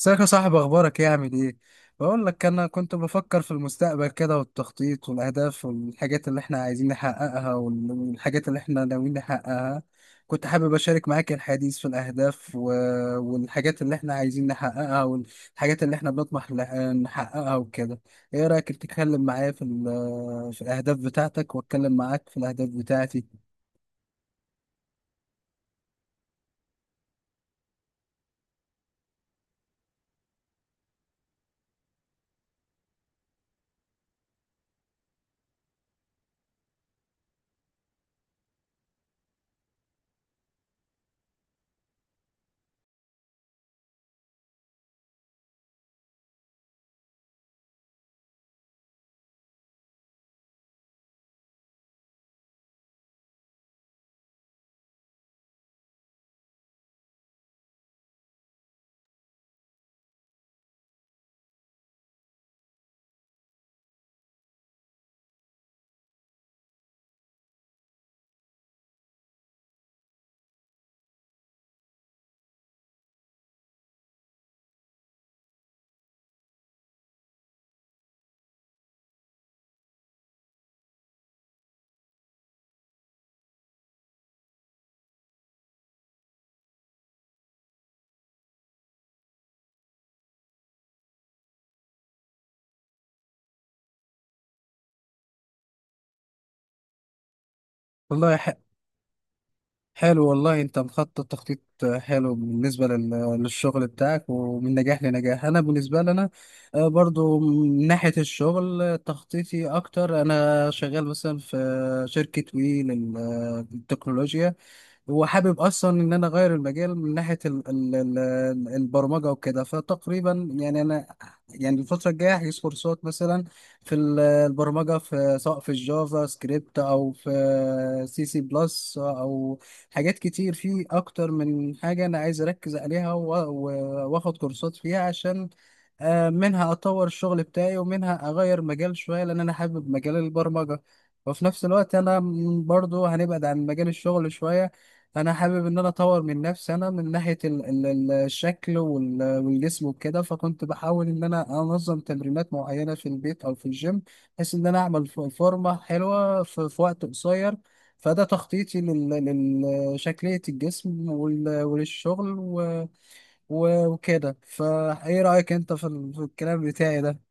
ازيك يا صاحبي؟ اخبارك ايه؟ عامل ايه؟ بقول لك انا كنت بفكر في المستقبل كده، والتخطيط والاهداف والحاجات اللي احنا عايزين نحققها والحاجات اللي احنا ناويين نحققها. كنت حابب اشارك معاك الحديث في الاهداف والحاجات اللي احنا عايزين نحققها، والحاجات اللي احنا بنطمح نحققها وكده. ايه رايك تتكلم معايا في في الاهداف بتاعتك، واتكلم معاك في الاهداف بتاعتي؟ والله حلو، والله انت مخطط تخطيط حلو بالنسبة للشغل بتاعك ومن نجاح لنجاح. انا بالنسبة لي انا برضو من ناحية الشغل، تخطيطي اكتر، انا شغال مثلا في شركة وي للتكنولوجيا، وحابب اصلا ان انا اغير المجال من ناحيه ال البرمجه وكده. فتقريبا يعني انا، يعني الفتره الجايه هجيب كورسات مثلا في البرمجه، في سواء في الجافا سكريبت او في سي سي بلس، او حاجات كتير، في اكتر من حاجه انا عايز اركز عليها واخد كورسات فيها، عشان منها اطور الشغل بتاعي، ومنها اغير مجال شويه، لان انا حابب مجال البرمجه. وفي نفس الوقت انا برضو هنبعد عن مجال الشغل شويه. انا حابب ان انا اطور من نفسي، انا من ناحيه الشكل والجسم وكده، فكنت بحاول ان انا انظم تمرينات معينه في البيت او في الجيم، بحيث ان انا اعمل فورمه حلوه في وقت قصير. فده تخطيطي لشكليه الجسم وللشغل وكده. فايه رايك انت في في الكلام بتاعي ده؟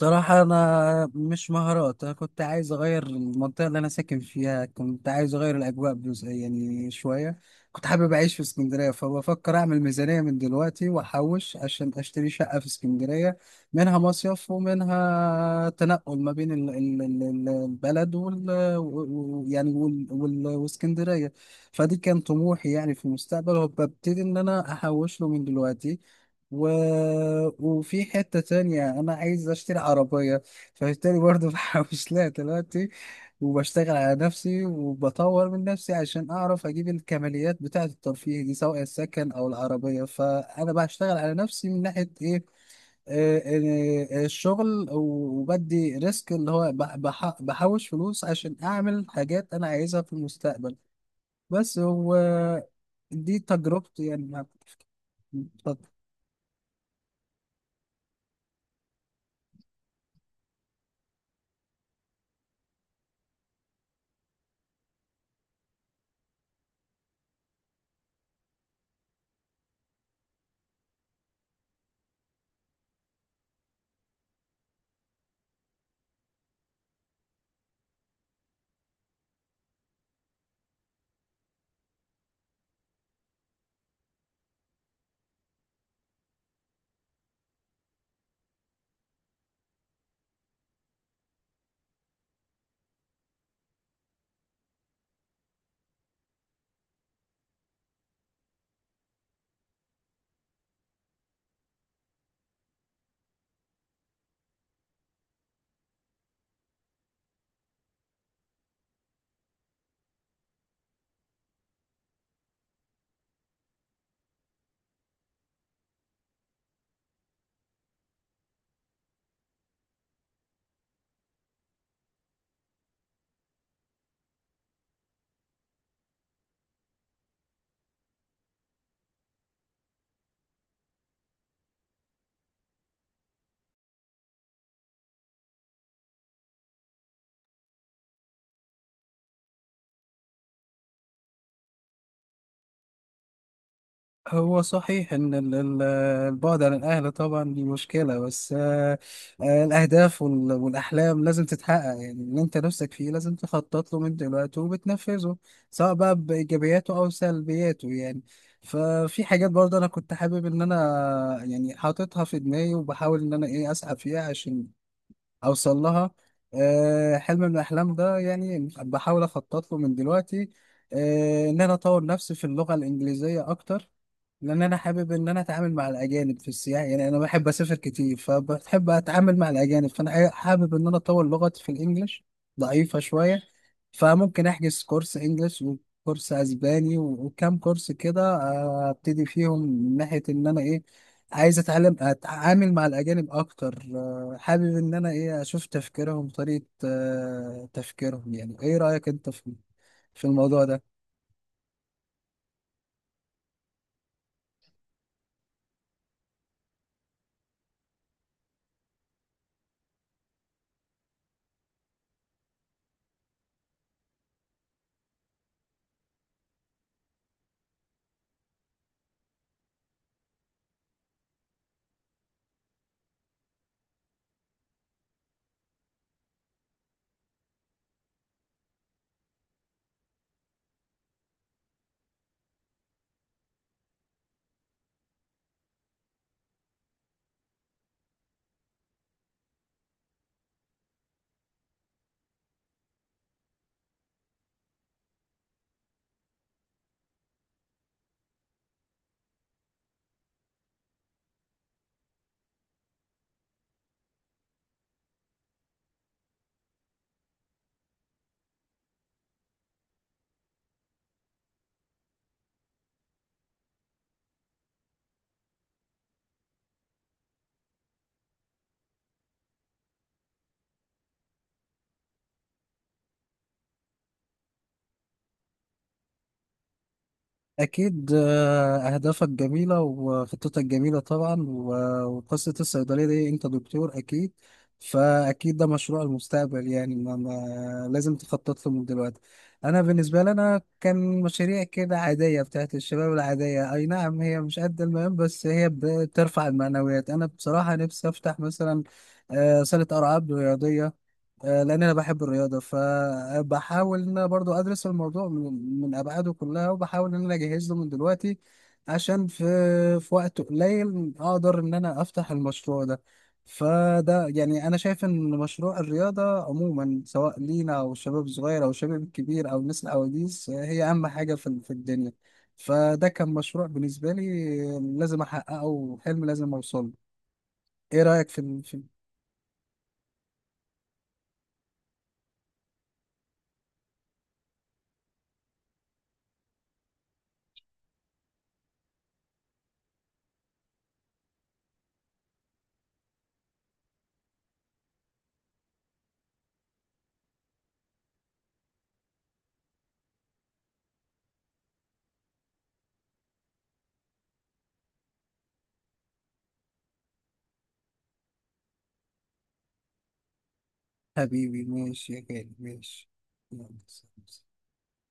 صراحة أنا مش مهارات، أنا كنت عايز أغير المنطقة اللي أنا ساكن فيها، كنت عايز أغير الأجواء يعني شوية. كنت حابب أعيش في اسكندرية، فبفكر أعمل ميزانية من دلوقتي وأحوش عشان أشتري شقة في اسكندرية، منها مصيف ومنها تنقل ما بين البلد وال يعني واسكندرية. فدي كان طموحي يعني في المستقبل، وببتدي إن أنا أحوش له من دلوقتي. و... وفي حتة تانية أنا عايز أشتري عربية، فبالتالي برضه بحوش لها دلوقتي، وبشتغل على نفسي وبطور من نفسي عشان أعرف أجيب الكماليات بتاعة الترفيه دي، سواء السكن أو العربية. فأنا بشتغل على نفسي من ناحية إيه؟ الشغل، وبدي ريسك، اللي هو بحوش فلوس عشان أعمل حاجات أنا عايزها في المستقبل. بس هو دي تجربتي يعني. مع- هو صحيح ان البعد عن الاهل طبعا دي مشكله، بس الاهداف والاحلام لازم تتحقق. يعني اللي انت نفسك فيه لازم تخطط له من دلوقتي وبتنفذه، سواء بقى بايجابياته او سلبياته يعني. ففي حاجات برضه انا كنت حابب ان انا يعني حاططها في دماغي، وبحاول ان انا ايه اسعى فيها عشان اوصل لها. حلم من الاحلام ده يعني بحاول اخطط له من دلوقتي. ان انا اطور نفسي في اللغه الانجليزيه اكتر، لان انا حابب ان انا اتعامل مع الاجانب في السياحه. يعني انا بحب اسافر كتير، فبحب اتعامل مع الاجانب، فانا حابب ان انا اطور لغتي في الانجليش، ضعيفه شويه. فممكن احجز كورس انجليش وكورس اسباني وكام كورس كده، ابتدي فيهم من ناحيه ان انا ايه؟ عايز اتعلم اتعامل مع الاجانب اكتر. حابب ان انا ايه اشوف تفكيرهم، طريقه تفكيرهم يعني. ايه رايك انت في في الموضوع ده؟ أكيد، أهدافك جميلة وخطتك جميلة طبعا، وقصة الصيدلية دي أنت دكتور أكيد، فأكيد ده مشروع المستقبل، يعني ما لازم تخطط له من دلوقتي. أنا بالنسبة لي أنا كان مشاريع كده عادية بتاعت الشباب العادية، أي نعم هي مش قد المهم، بس هي بترفع المعنويات. أنا بصراحة نفسي أفتح مثلا صالة ألعاب رياضية، لان انا بحب الرياضه، فبحاول ان انا برضو ادرس الموضوع من ابعاده كلها، وبحاول ان انا اجهز له من دلوقتي، عشان في وقت قليل اقدر ان انا افتح المشروع ده. فده يعني انا شايف ان مشروع الرياضه عموما، سواء لينا او الشباب الصغير او الشباب الكبير او الناس العواجيز، هي اهم حاجه في الدنيا. فده كان مشروع بالنسبه لي لازم احققه، وحلم لازم اوصله. ايه رايك في في؟ حبيبي ماشي يا غالي، ماشي. يلا سلام.